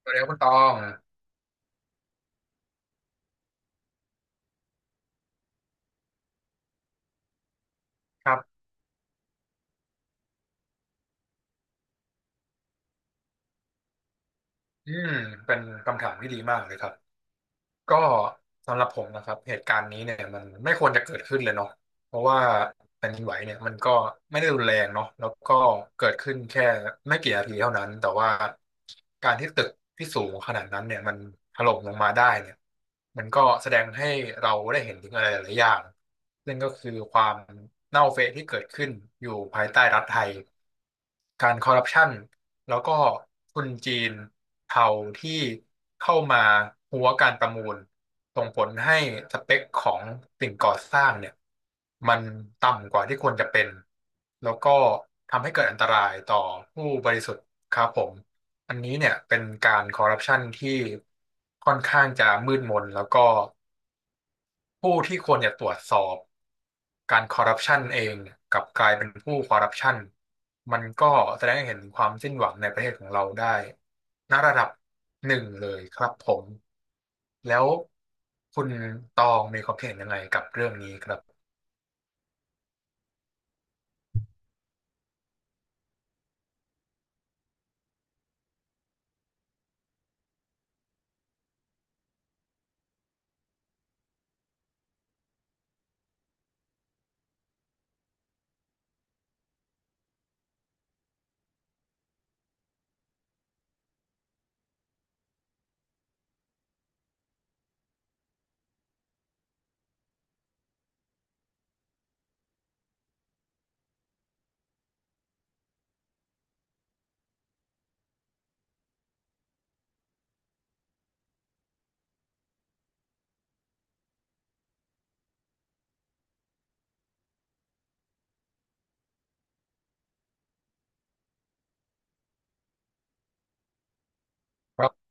สวัสดีครับคุณตองครับอืมเป็นคำถามที่ดีมากเลยครับก็สำหรับผมนะครับเหตุการณ์นี้เนี่ยมันไม่ควรจะเกิดขึ้นเลยเนาะเพราะว่าแผ่นดินไหวเนี่ยมันก็ไม่ได้รุนแรงเนาะแล้วก็เกิดขึ้นแค่ไม่กี่นาทีเท่านั้นแต่ว่าการที่ตึกที่สูงขนาดนั้นเนี่ยมันถล่มลงมาได้เนี่ยมันก็แสดงให้เราได้เห็นถึงอะไรหลายๆอย่างซึ่งก็คือความเน่าเฟะที่เกิดขึ้นอยู่ภายใต้รัฐไทย การคอร์รัปชันแล้วก็ทุนจีนเทาที่เข้ามาหัวการประมูลส่งผลให้สเปคของสิ่งก่อสร้างเนี่ยมันต่ำกว่าที่ควรจะเป็นแล้วก็ทำให้เกิดอันตรายต่อผู้บริสุทธิ์ครับผมอันนี้เนี่ยเป็นการคอร์รัปชันที่ค่อนข้างจะมืดมนแล้วก็ ผู้ที่ควรจะตรวจสอบการคอร์รัปชันเองกลับกลายเป็นผู้คอร์รัปชันมันก็แสดงให้เห็นถึงความสิ้นหวังในประเทศของเราได้ณระดับหนึ่งเลยครับผมแล้วคุณตองมีความคิดเห็นยังไงกับเรื่องนี้ครับครับ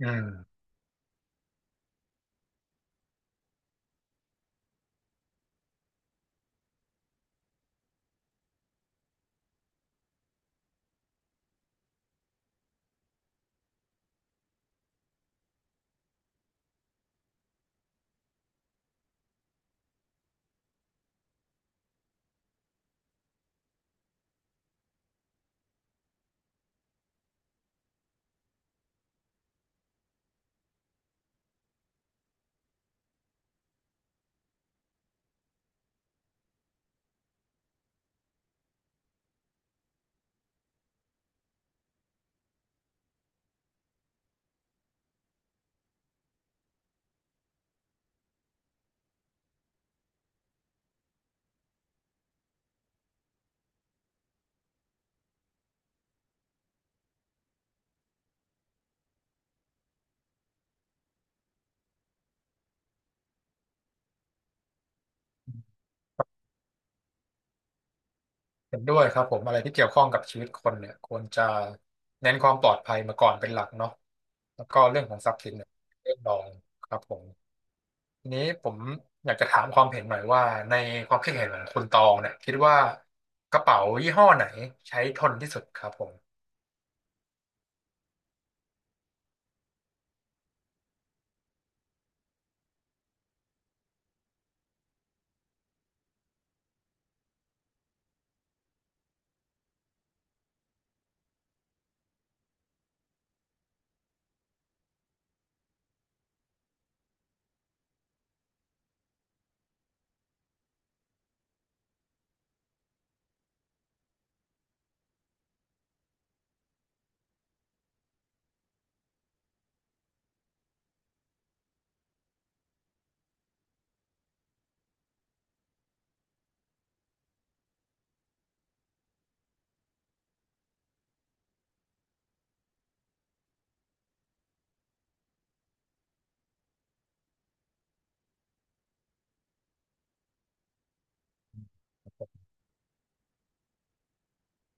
อืมเห็นด้วยครับผมอะไรที่เกี่ยวข้องกับชีวิตคนเนี่ยควรจะเน้นความปลอดภัยมาก่อนเป็นหลักเนาะแล้วก็เรื่องของทรัพย์สินเนี่ยเรื่องรองครับผม ทีนี้ผมอยากจะถามความเห็นหน่อยว่าในความคิดเห็นของคุณตองเนี่ยคิดว่ากระเป๋ายี่ห้อไหนใช้ทนที่สุดครับผม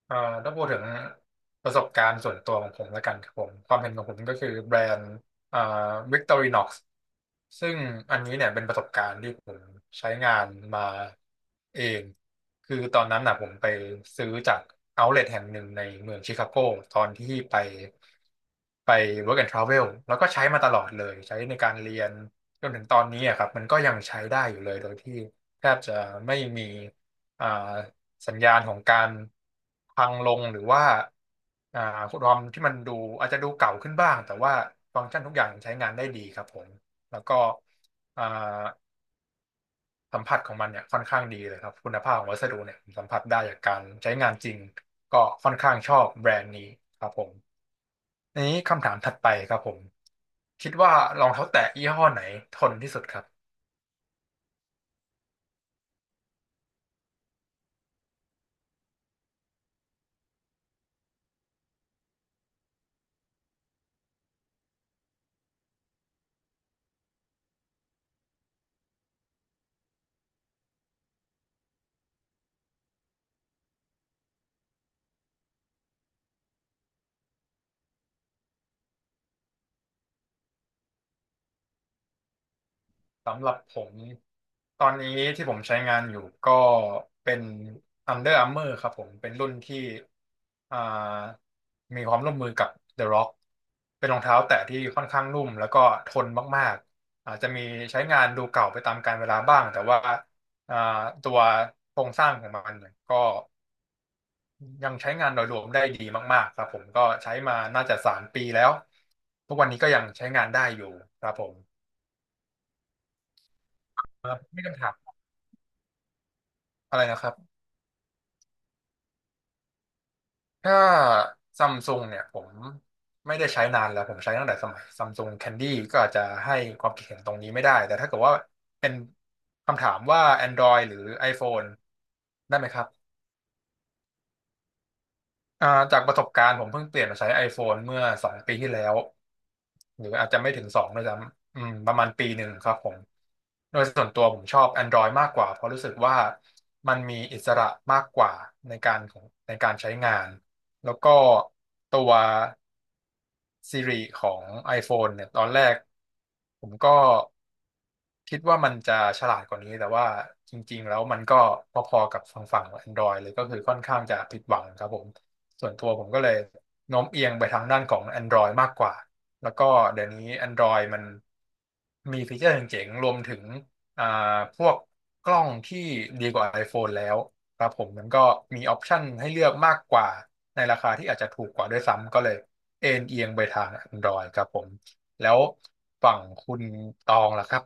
เอ่อถ้าพูดถึงประสบการณ์ส่วนตัวของผมแล้วกันครับผมความเห็นของผมก็คือแบรนด์เอ่อ Victorinox ซึ่งอันนี้เนี่ยเป็นประสบการณ์ที่ผมใช้งานมาเองคือตอนนั้นน่ะผมไปซื้อจากเอาท์เล t แห่งหนึ่งในเมืองชิคาโกตอนที่ไป Work and Travel แล้วก็ใช้มาตลอดเลยใช้ในการเรียนจนถึงตอนนี้อะครับมันก็ยังใช้ได้อยู่เลยโดยที่แทบจะไม่มีอ่า สัญญาณของการพังลงหรือว่าอ่าความที่มันดูอาจจะดูเก่าขึ้นบ้างแต่ว่าฟังก์ชันทุกอย่างใช้งานได้ดีครับผมแล้วก็อ่าสัมผัสของมันเนี่ยค่อนข้างดีเลยครับคุณภาพของวัสดุเนี่ยผมสัมผัสได้จากการใช้งานจริงก็ค่อนข้างชอบแบรนด์นี้ครับผมอันนี้คำถามถัดไปครับผมคิดว่ารองเท้าแตะยี่ห้อไหนทนที่สุดครับ สำหรับผมตอนนี้ที่ผมใช้งานอยู่ก็เป็น Under Armour ครับผมเป็นรุ่นที่อ่ามีความร่วมมือกับ The Rock เป็นรองเท้าแตะที่ค่อนข้างนุ่มแล้วก็ทนมากๆอาจจะมีใช้งานดูเก่าไปตามกาลเวลาบ้างแต่ว่าอ่าตัวโครงสร้างของมันเนี่ยก็ยังใช้งานโดยรวมได้ดีมากๆครับผมก็ใช้มาน่าจะสามปีแล้วทุกวันนี้ก็ยังใช้งานได้อยู่ครับผมไม่คำถามอะไรนะครับ ถ้าซัมซุงเนี่ยผมไม่ได้ใช้นานแล้วผมใช้ตั้งแต่สมัยซัมซุงแคนดี้ก็อาจจะให้ความคิดเห็นตรงนี้ไม่ได้แต่ถ้าเกิดว่าเป็นคำถามว่า Android หรือ iPhone ได้ไหมครับอ่าจากประสบการณ์ผมเพิ่งเปลี่ยนมาใช้ iPhone เมื่อสองปีที่แล้วหรืออาจจะไม่ถึงสองด้วยซ้ำประมาณปีหนึ่งครับผมโดยส่วนตัวผมชอบ Android มากกว่าเพราะรู้สึกว่ามันมีอิสระมากกว่าในการของในการใช้งานแล้วก็ตัว Siri ของ iPhone เนี่ยตอนแรกผมก็ คิดว่ามันจะฉลาดกว่านี้แต่ว่าจริงๆแล้วมันก็พอๆกับฝั่ง Android เลยก็คือค่อนข้างจะผิดหวังครับผมส่วนตัวผมก็เลยโน้มเอียงไปทางด้านของ Android มากกว่าแล้วก็เดี๋ยวนี้ Android มันมีฟีเจอร์เจ๋งๆรวมถึงอ่าพวกกล้องที่ดีกว่า iPhone แล้วครับผมมันก็มีออปชันให้เลือกมากกว่าในราคาที่อาจจะถูกกว่าด้วยซ้ำก็เลยเอ็นเอียงไปทาง Android ครับผมแล้วฝั่งคุณตองล่ะครับ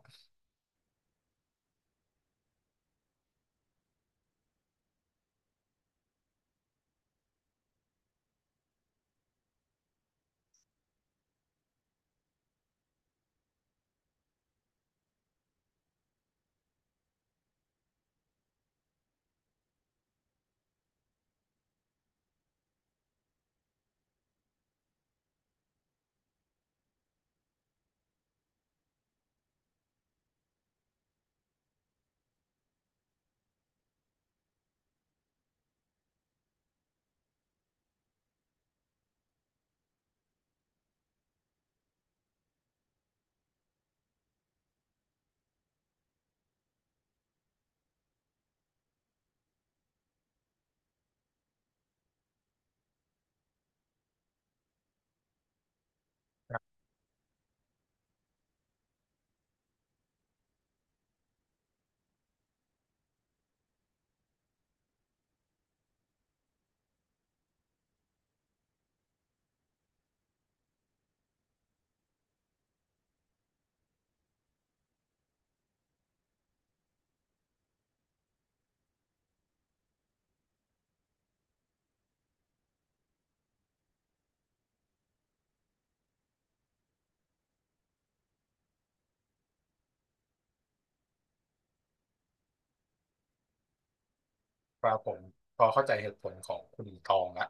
ครับผมพอเข้าใจเหตุผลของคุณตองละ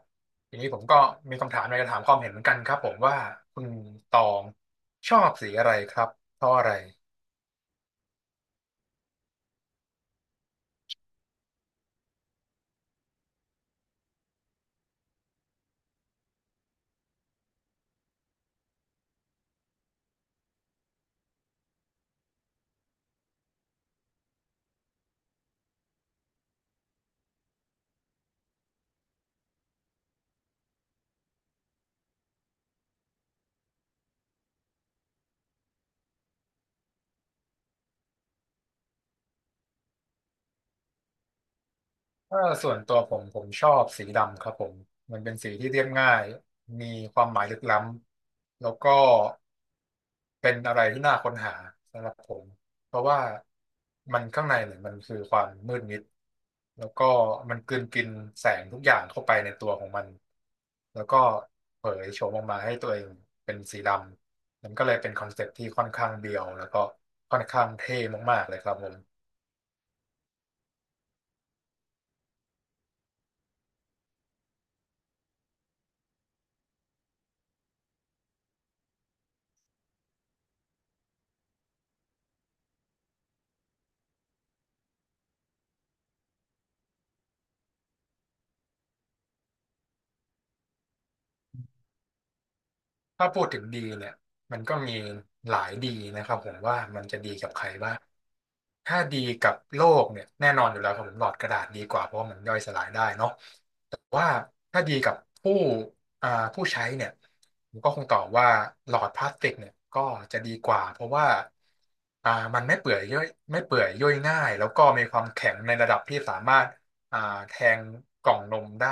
ทีนี้ผมก็มีคำถามอยากระถามความเห็นเหมือนกันครับผมว่าคุณตองชอบสีอะไรครับเพราะอะไร ถ้าส่วนตัวผมชอบสีดำครับผมมันเป็นสีที่เรียบง่ายมีความหมายลึกล้ำแล้วก็เป็นอะไรที่น่าค้นหาสำหรับผมเพราะว่ามันข้างในเนี่ยมันคือความมืดมิดแล้วก็มันกลืนกินแสงทุกอย่างเข้าไปในตัวของมันแล้วก็เผยโฉมออกมาให้ตัวเองเป็นสีดำมันก็เลยเป็นคอนเซ็ปต์ที่ค่อนข้างเบียวแล้วก็ค่อนข้างเท่มากๆเลยครับผม ถ้าพูดถึงดีเนี่ยมันก็มีหลายดีนะครับผมว่ามันจะดีกับใครบ้างถ้าดีกับโลกเนี่ยแน่นอนอยู่แล้วครับผมหลอดกระดาษดีกว่าเพราะว่ามันย่อยสลายได้เนาะแต่ว่าถ้าดีกับผู้อ่าผู้ใช้เนี่ยผมก็คงตอบว่าหลอดพลาสติกเนี่ยก็จะดีกว่าเพราะว่าอ่ามันไม่เปื่อยย่อยไม่เปื่อยย่อยง่ายแล้วก็มีความแข็งในระดับที่สามารถอ่าแทงกล่องนมได้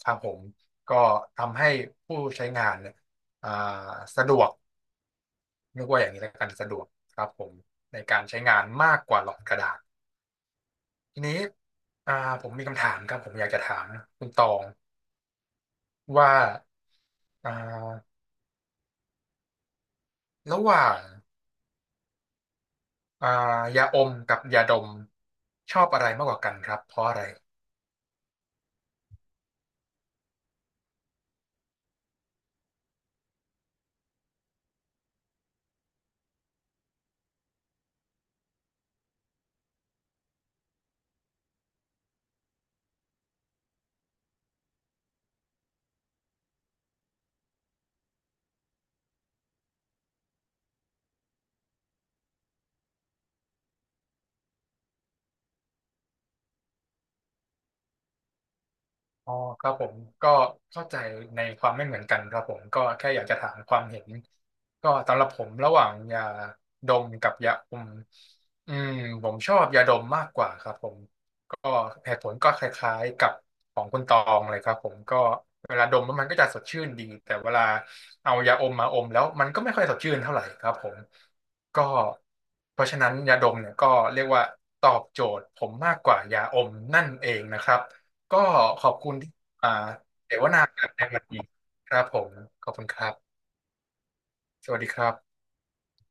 ครับผมก็ทำให้ผู้ใช้งานเนี่ย อ่าสะดวกเรียกว่าอย่างนี้แล้วกันสะดวกครับผมในการใช้งานมากกว่าหลอดกระดาษทีนี้อ่าผมมีคำถามครับผมอยากจะถามคุณตองว่าอ่าระหว่างอ่ายาอมกับยาดมชอบอะไรมากกว่ากันครับเพราะอะไรอ๋อครับผมก็เข้าใจในความไม่เหมือนกันครับผมก็แค่อยากจะถามความเห็นก็สำหรับผมระหว่างยาดมกับยาอมอืมผมชอบยาดมมากกว่าครับผม ก็เหตุผลก็คล้ายๆกับของคุณตองเลยครับผมก็เวลาดมแล้วมันก็จะสดชื่นดีแต่เวลาเอายาอมมาอมแล้วมันก็ไม่ค่อยสดชื่นเท่าไหร่ครับผมก็เพราะฉะนั้นยาดมเนี่ยก็เรียกว่าตอบโจทย์ผมมากกว่ายาอมนั่นเองนะครับก็ขอบคุณที่อ่าเสวนากันในวันนี้ครับผมขอบคุณครับสวัสดีครับ